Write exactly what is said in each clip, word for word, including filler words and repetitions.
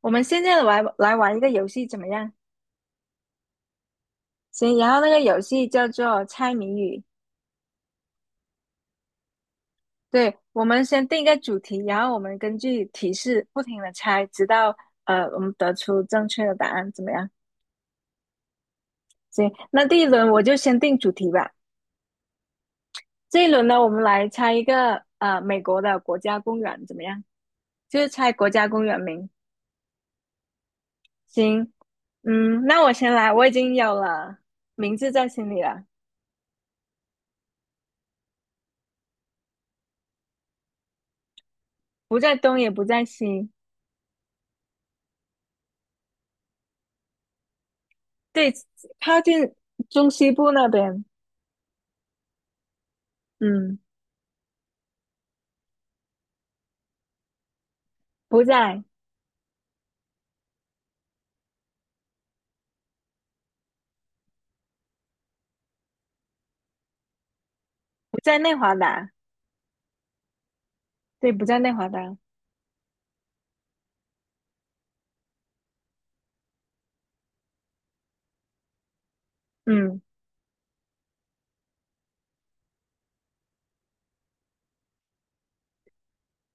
我们现在来来玩一个游戏怎么样？行，然后那个游戏叫做猜谜语。对，我们先定一个主题，然后我们根据提示不停的猜，直到呃我们得出正确的答案，怎么样？行，那第一轮我就先定主题吧。这一轮呢，我们来猜一个呃美国的国家公园，怎么样？就是猜国家公园名。行，嗯，那我先来，我已经有了名字在心里了。不在东也不在西。对，靠近中西部那边。嗯，不在不在内华达，对，不在内华达。嗯，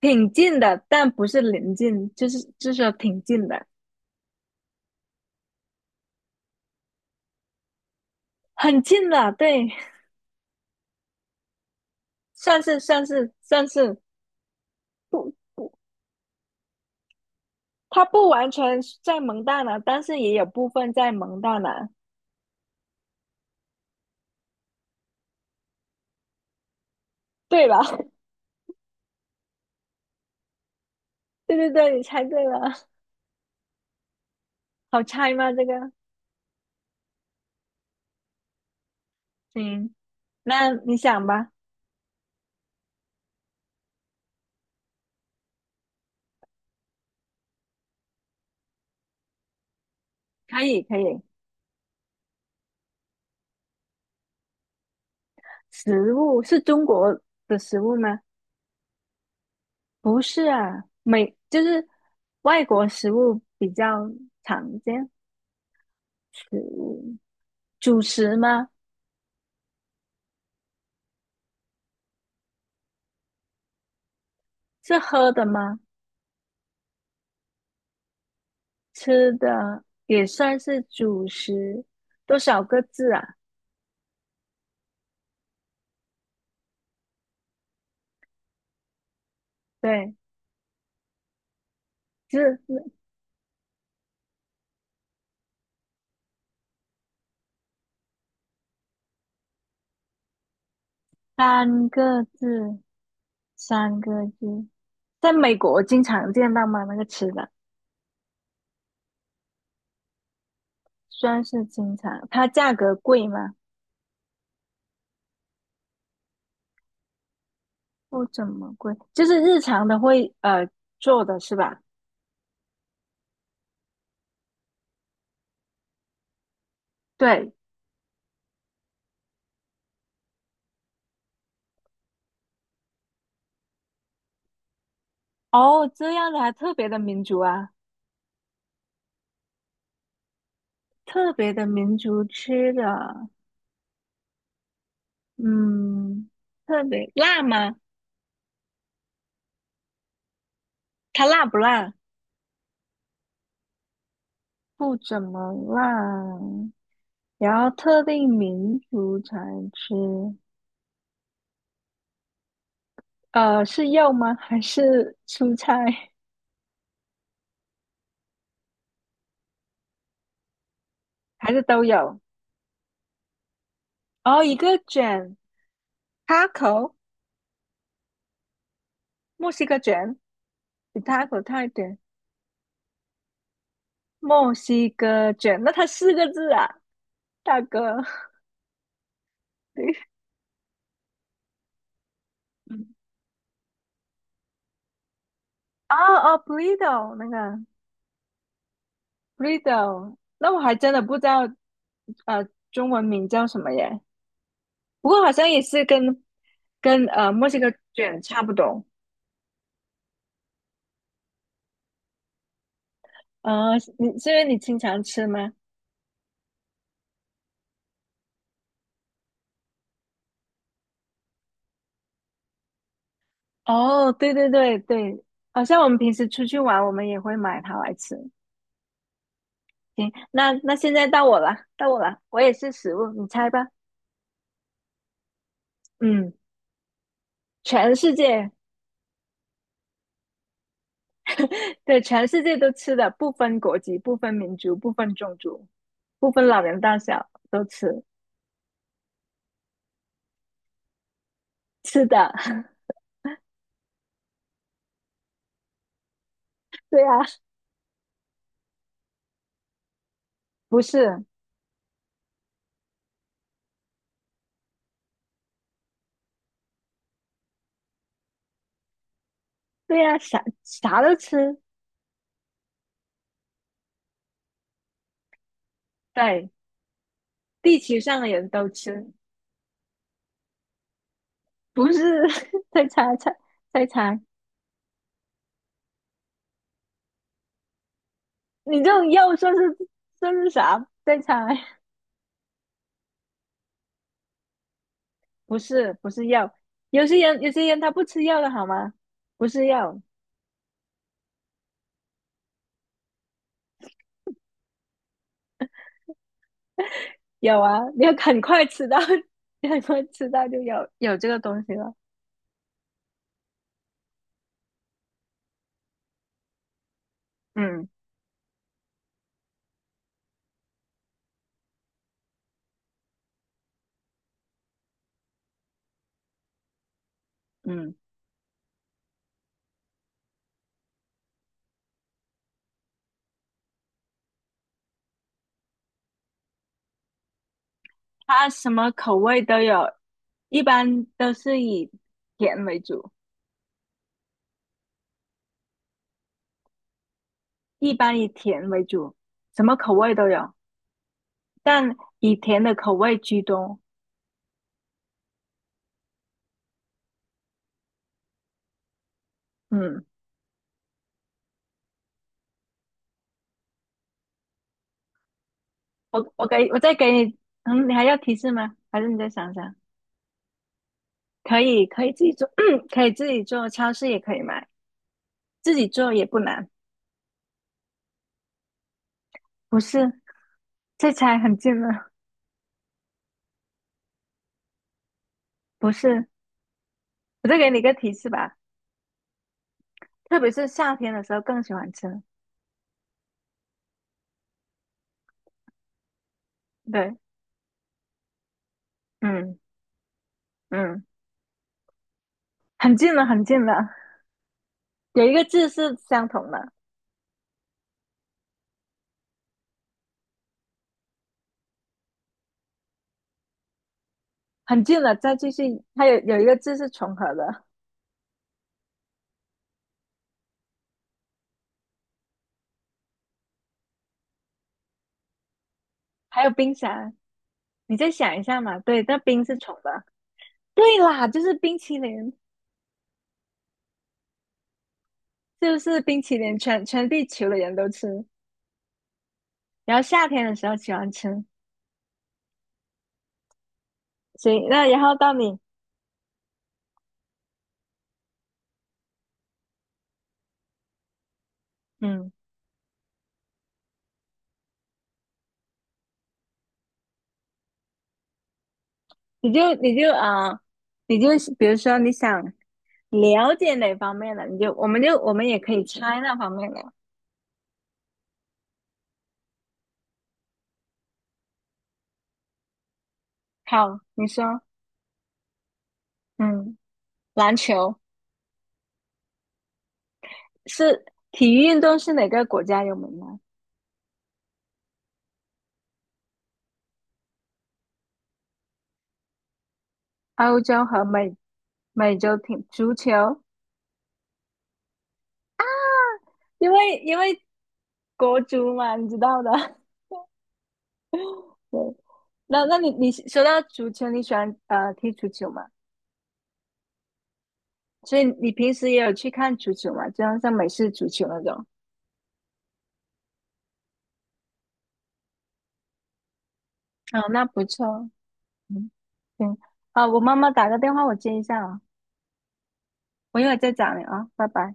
挺近的，但不是临近，就是就是说挺近的。很近了，对。算是算是算是不不，它不完全是在蒙大拿，但是也有部分在蒙大拿。对吧？对对对，你猜对了。好猜吗？这个。嗯，那你想吧。可以可以。食物是中国的食物吗？不是啊，美就是外国食物比较常见。食物主食吗？是喝的吗？吃的也算是主食。多少个字啊？对，是三个字，三个字。在美国经常见到吗？那个吃的算是经常，它价格贵吗？不怎么贵，就是日常的会呃做的是吧？对。哦，这样的还特别的民族啊。特别的民族吃的，嗯，特别辣吗？它辣不辣？不怎么辣，然后特定民族才吃。呃，是肉吗？还是蔬菜？还是都有？哦，一个卷，taco,墨西哥卷，比 taco 大一点。墨西哥卷，那它四个字啊，大哥。哦哦，burrito 那个。Riddle,那我还真的不知道。呃，中文名叫什么耶？不过好像也是跟跟呃墨西哥卷差不多。呃，你是因为你经常吃吗？哦，对对对对，好像我们平时出去玩，我们也会买它来吃。行，那那现在到我了，到我了，我也是食物，你猜吧。嗯，全世界。对，全世界都吃的，不分国籍，不分民族，不分种族，不分老人大小，都吃吃的。对呀、不是。对呀、啥啥都吃。对，地球上的人都吃。不是。 再猜猜再猜，你这种又说是说是啥？再猜。不是，不是药。有些人，有些人他不吃药的好吗？不是药。有啊，你要很快吃到。你很快吃到就有有这个东西了。嗯嗯，它什么口味都有，一般都是以甜为主。一般以甜为主，什么口味都有，但以甜的口味居多。嗯，我我给我再给你。嗯，你还要提示吗？还是你再想想？可以，可以自己做。可以自己做，超市也可以买，自己做也不难。不是，这猜很近了。不是，我再给你一个提示吧，特别是夏天的时候更喜欢吃。对。嗯嗯，很近了，很近了，有一个字是相同的。很近了。再继续，它有有一个字是重合的。还有冰沙，你再想一下嘛。对，那冰是虫的。对啦，就是冰淇淋，就是冰淇淋全，全地球的人都吃。然后夏天的时候喜欢吃。行，那然后到你。嗯，你就你就啊、呃你就比如说你想了解哪方面的，你就我们就我们也可以猜那方面的。好，你说。嗯，篮球是体育运动是哪个国家有名呢？欧洲和美美洲挺足球。因为因为国足嘛，你知道的。对，那那你你说到足球，你喜欢呃踢足球吗？所以你平时也有去看足球嘛？就像像美式足球那种。哦，那不错。嗯，行啊，我妈妈打个电话，我接一下啊，我一会儿再找你啊，拜拜。